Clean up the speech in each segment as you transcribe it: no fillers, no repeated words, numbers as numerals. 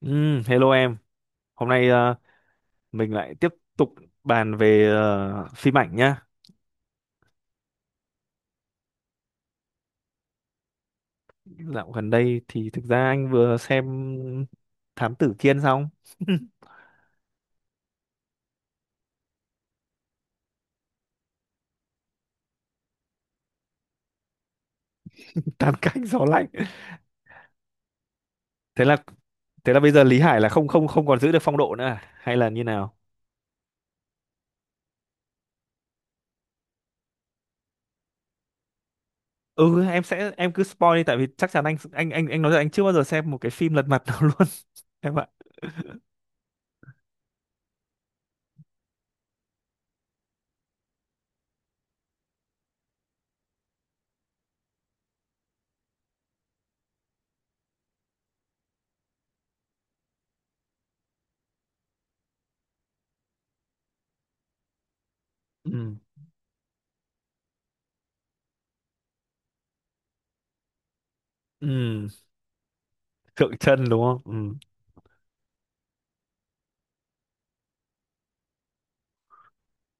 Hello em, hôm nay mình lại tiếp tục bàn về phim ảnh nhá. Dạo gần đây thì thực ra anh vừa xem Thám Tử Kiên xong, Tam Cánh Gió Lạnh. Thế là thế là bây giờ Lý Hải là không không không còn giữ được phong độ nữa à? Hay là như nào? Ừ, em sẽ em cứ spoil đi, tại vì chắc chắn anh nói là anh chưa bao giờ xem một cái phim lật mặt nào luôn em ạ. Ừ, ừ, Thượng chân đúng không? Ừ,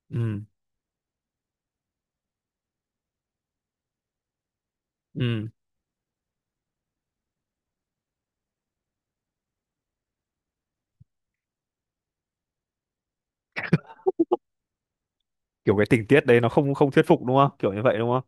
ừ, ừm. Kiểu cái tình tiết đấy nó không không thuyết phục đúng không? Kiểu như vậy đúng không?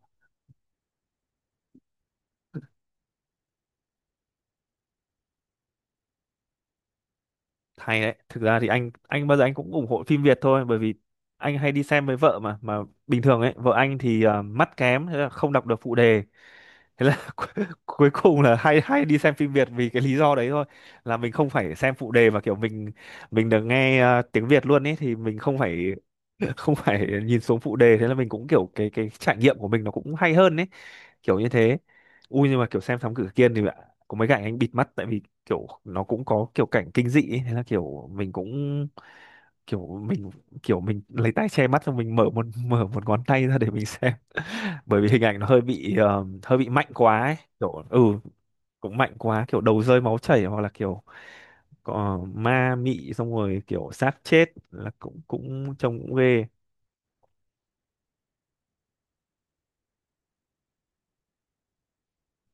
Hay đấy, thực ra thì anh bao giờ anh cũng ủng hộ phim Việt thôi, bởi vì anh hay đi xem với vợ mà bình thường ấy, vợ anh thì à, mắt kém, thế là không đọc được phụ đề, thế là cuối cùng là hay hay đi xem phim Việt vì cái lý do đấy thôi, là mình không phải xem phụ đề mà kiểu mình được nghe tiếng Việt luôn ấy, thì mình không phải không phải nhìn xuống phụ đề, thế là mình cũng kiểu cái trải nghiệm của mình nó cũng hay hơn ấy, kiểu như thế. Ui nhưng mà kiểu xem Thám Tử Kiên thì ạ, có mấy cảnh anh bịt mắt tại vì kiểu nó cũng có kiểu cảnh kinh dị ấy. Thế là kiểu mình cũng kiểu mình kiểu mình lấy tay che mắt xong mình mở một mở một ngón tay ra để mình xem, bởi vì hình ảnh nó hơi bị hơi bị mạnh quá ấy. Kiểu ừ, cũng mạnh quá, kiểu đầu rơi máu chảy hoặc là kiểu có ma mị, xong rồi kiểu xác chết là cũng cũng trông cũng ghê.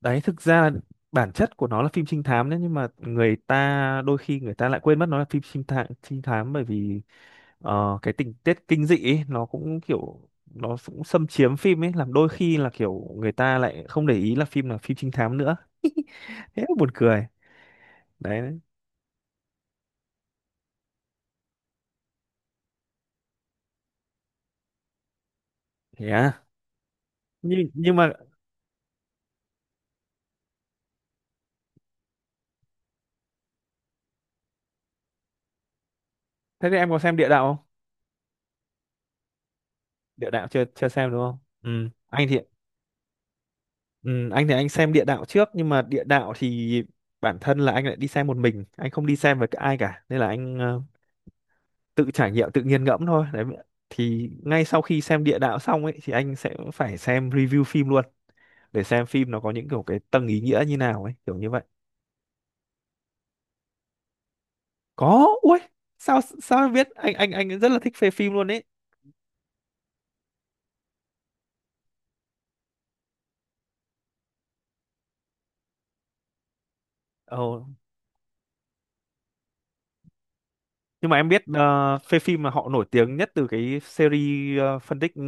Đấy thực ra là bản chất của nó là phim trinh thám đấy, nhưng mà người ta đôi khi người ta lại quên mất nó là phim trinh thám. Trinh thám bởi vì cái tình tiết kinh dị ấy, nó cũng kiểu nó cũng xâm chiếm phim ấy, làm đôi khi là kiểu người ta lại không để ý là phim trinh thám nữa. Thế buồn cười đấy. Thế à? Nhưng mà thế thì em có xem địa đạo không? Địa đạo chưa chưa xem đúng không? Ừ anh thì, ừ, anh thì anh xem địa đạo trước, nhưng mà địa đạo thì bản thân là anh lại đi xem một mình, anh không đi xem với ai cả, nên là anh tự trải nghiệm tự nghiền ngẫm thôi. Đấy thì ngay sau khi xem địa đạo xong ấy, thì anh sẽ phải xem review phim luôn để xem phim nó có những kiểu cái tầng ý nghĩa như nào ấy, kiểu như vậy. Có ui, sao sao em biết, anh rất là thích phê phim luôn ấy. Ồ, nhưng mà em biết phê phim mà họ nổi tiếng nhất từ cái series phân tích ừ,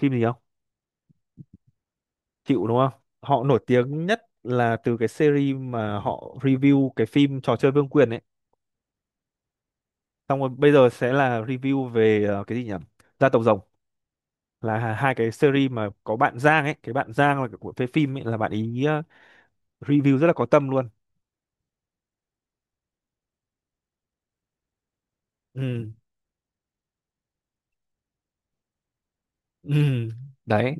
phim gì không? Chịu đúng không, họ nổi tiếng nhất là từ cái series mà họ review cái phim trò chơi vương quyền ấy. Xong rồi bây giờ sẽ là review về cái gì nhỉ, gia tộc rồng, là hai cái series mà có bạn Giang ấy. Cái bạn Giang là của phê phim ấy, là bạn ý review rất là có tâm luôn. Ừ, ừ, đấy,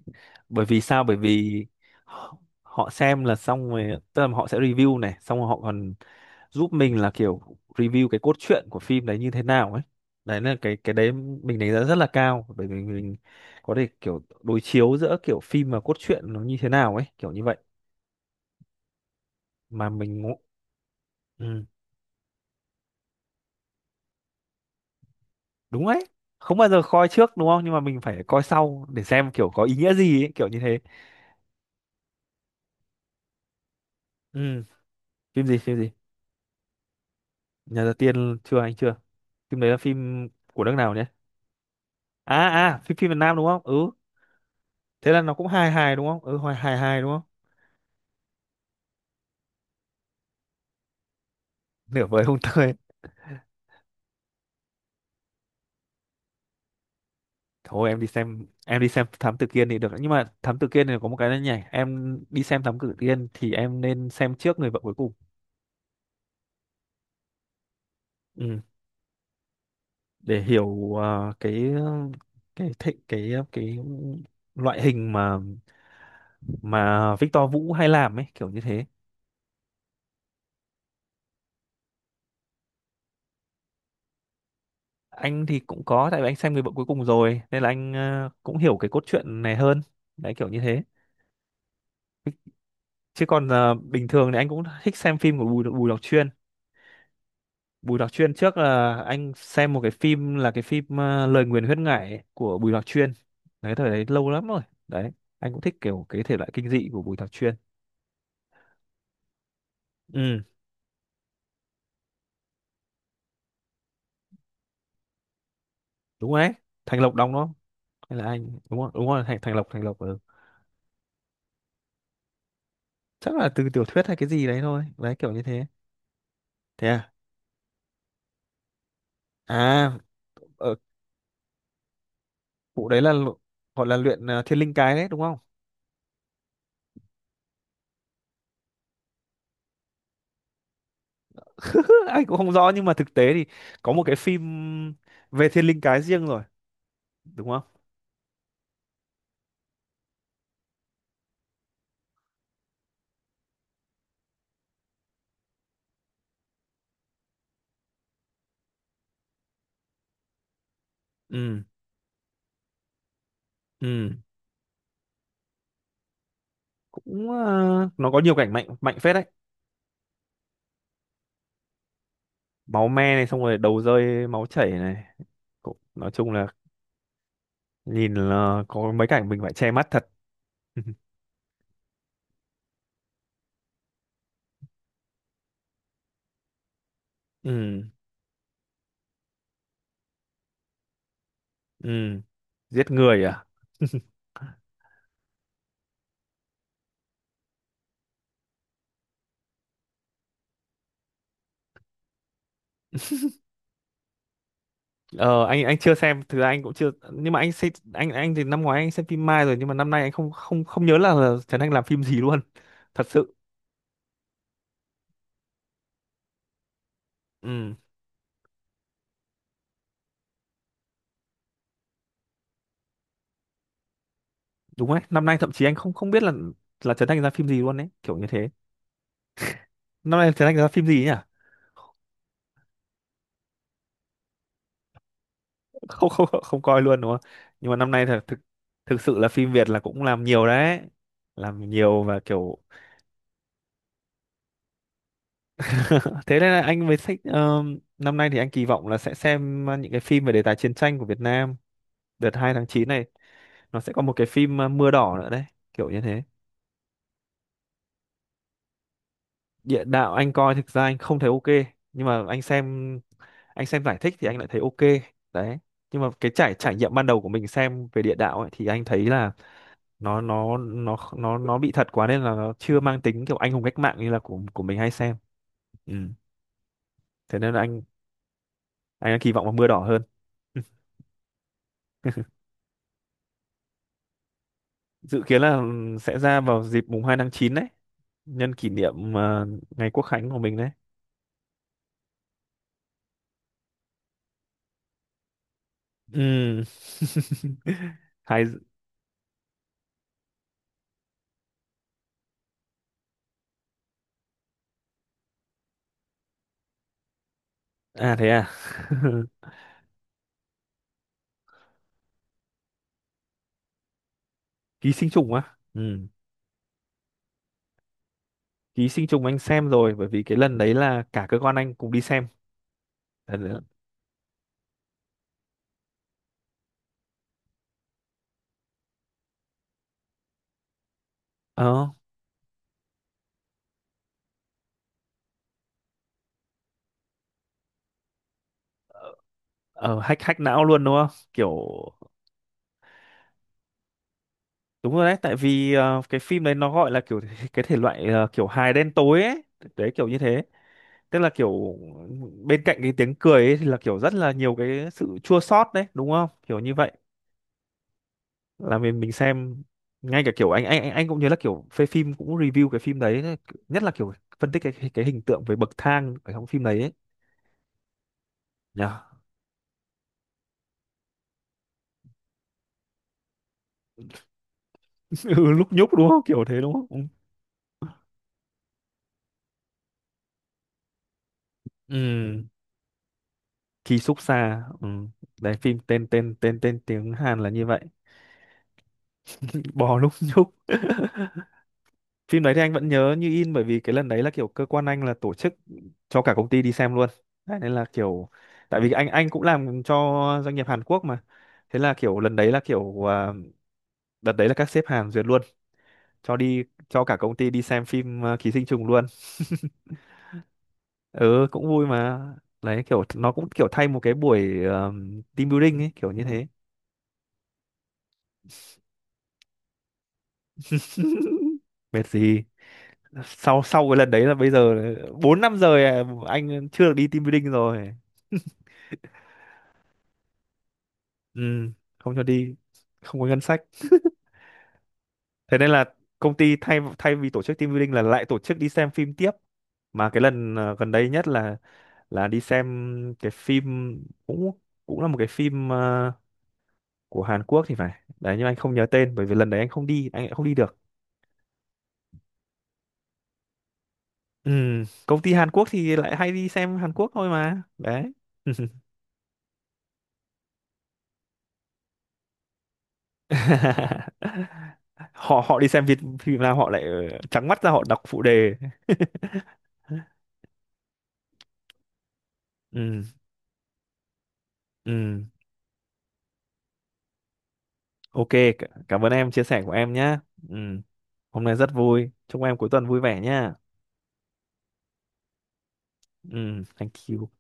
bởi vì sao? Bởi vì họ họ xem là xong rồi, tức là họ sẽ review này, xong rồi họ còn giúp mình là kiểu review cái cốt truyện của phim đấy như thế nào ấy. Đấy là cái đấy mình đánh giá rất là cao, bởi vì mình có thể kiểu đối chiếu giữa kiểu phim và cốt truyện nó như thế nào ấy, kiểu như vậy. Mà mình ừ, đúng đấy, không bao giờ coi trước đúng không, nhưng mà mình phải coi sau để xem kiểu có ý nghĩa gì ấy, kiểu như thế. Ừ. Phim gì, nhà gia tiên chưa, anh chưa. Phim đấy là phim của nước nào nhỉ? À à, phim phim Việt Nam đúng không? Ừ, thế là nó cũng hài hài đúng không, ừ, hài hài hài đúng không? Nửa vời không tơi. Thôi em đi xem, em đi xem Thám Tử Kiên thì được, nhưng mà Thám Tử Kiên thì có một cái là nhảy, em đi xem Thám Tử Kiên thì em nên xem trước người vợ cuối cùng. Ừ. Để hiểu cái cái loại hình mà Victor Vũ hay làm ấy, kiểu như thế. Anh thì cũng có, tại vì anh xem người vợ cuối cùng rồi nên là anh cũng hiểu cái cốt truyện này hơn. Đấy kiểu như thế. Chứ còn bình thường thì anh cũng thích xem phim của Bùi Bùi Lọc Chuyên. Bùi Đọc Chuyên trước là anh xem một cái phim, là cái phim Lời Nguyền Huyết Ngải ấy, của Bùi Đọc Chuyên. Đấy thời đấy lâu lắm rồi. Đấy, anh cũng thích kiểu cái thể loại kinh dị của Bùi Đọc Chuyên. Ừ, đúng rồi đấy. Thành Lộc đóng nó hay, là anh đúng rồi, đúng rồi, Thành Thành Lộc Thành Lộc ừ. Chắc là từ tiểu thuyết hay cái gì đấy thôi. Đấy kiểu như thế. Thế à? À, ở vụ đấy là gọi là luyện Thiên Linh Cái đấy đúng không? Anh cũng không rõ nhưng mà thực tế thì có một cái phim về Thiên Linh Cái riêng rồi, đúng không? Ừ, ừ. Cũng ờ, nó có nhiều cảnh mạnh mạnh phết đấy. Máu me này, xong rồi đầu rơi máu chảy này, cũng, nói chung là nhìn là có mấy cảnh mình phải che mắt thật. Ừ, ừ, giết người à. Ờ anh chưa xem, thực ra anh cũng chưa, nhưng mà anh xem, anh thì năm ngoái anh xem phim Mai rồi, nhưng mà năm nay anh không không không nhớ là Trấn Thành làm phim gì luôn. Thật sự ừ, đúng đấy, năm nay thậm chí anh không không biết là Trấn Thành ra phim gì luôn. Đấy kiểu như thế. Năm nay Trấn Thành ra phim gì nhỉ? Không không không coi luôn đúng không. Nhưng mà năm nay thực thực sự là phim Việt là cũng làm nhiều đấy. Làm nhiều và kiểu thế nên là anh với sách năm nay thì anh kỳ vọng là sẽ xem những cái phim về đề tài chiến tranh của Việt Nam. Đợt 2 tháng 9 này nó sẽ có một cái phim Mưa đỏ nữa đấy, kiểu như thế. Địa đạo anh coi, thực ra anh không thấy ok, nhưng mà anh xem, anh xem giải thích thì anh lại thấy ok. Đấy nhưng mà cái trải trải nghiệm ban đầu của mình xem về địa đạo ấy, thì anh thấy là nó nó bị thật quá, nên là nó chưa mang tính kiểu anh hùng cách mạng như là của mình hay xem. Ừ. Thế nên là anh đang kỳ vọng vào mưa đỏ hơn. Dự kiến là ừ, sẽ ra vào dịp mùng 2 tháng 9 đấy, nhân kỷ niệm ngày Quốc khánh của mình đấy. Ừ. Hay, à thế à. Ký sinh trùng á, ừ. Ký sinh trùng anh xem rồi, bởi vì cái lần đấy là cả cơ quan anh cùng đi xem. Lần đấy- ờ ờ, hack hack não luôn đúng không, kiểu. Đúng rồi đấy, tại vì cái phim đấy nó gọi là kiểu cái thể loại kiểu hài đen tối ấy, đấy kiểu như thế. Tức là kiểu bên cạnh cái tiếng cười ấy thì là kiểu rất là nhiều cái sự chua xót đấy, đúng không? Kiểu như vậy. Là mình xem ngay cả kiểu anh cũng như là kiểu phê phim cũng review cái phim đấy, nhất là kiểu phân tích cái cái hình tượng về bậc thang ở trong phim đấy ấy. Nhờ. Ừ, lúc nhúc đúng không? Kiểu thế đúng không? Ừ. Ừ, Ký xúc xa. Ừ. Đấy phim tên tên tên tên tiếng Hàn là như vậy. Bò lúc nhúc. Phim đấy thì anh vẫn nhớ như in, bởi vì cái lần đấy là kiểu cơ quan anh là tổ chức cho cả công ty đi xem luôn. Đấy, nên là kiểu tại vì anh cũng làm cho doanh nghiệp Hàn Quốc mà. Thế là kiểu lần đấy là kiểu à, đợt đấy là các sếp Hàn duyệt luôn cho đi, cho cả công ty đi xem phim à, Ký sinh trùng luôn. Ừ, cũng vui mà. Đấy kiểu nó cũng kiểu thay một cái buổi team building ấy, kiểu như thế. Mệt gì, sau sau cái lần đấy là bây giờ 4 năm rồi à, anh chưa được đi team building rồi. Ừ, không cho đi, không có ngân sách. Thế nên là công ty thay thay vì tổ chức team building là lại tổ chức đi xem phim tiếp, mà cái lần gần đây nhất là đi xem cái phim cũng cũng là một cái phim của Hàn Quốc thì phải. Đấy nhưng anh không nhớ tên bởi vì lần đấy anh không đi, anh lại không đi được. Ừ, công ty Hàn Quốc thì lại hay đi xem Hàn Quốc thôi mà đấy. họ họ đi xem Việt phim nào họ lại trắng mắt ra họ đọc phụ đề. Ừ, ừ. Ok, c- cảm ơn em chia sẻ của em nhé. Ừ. Hôm nay rất vui. Chúc em cuối tuần vui vẻ nhé. Ừ, thank you.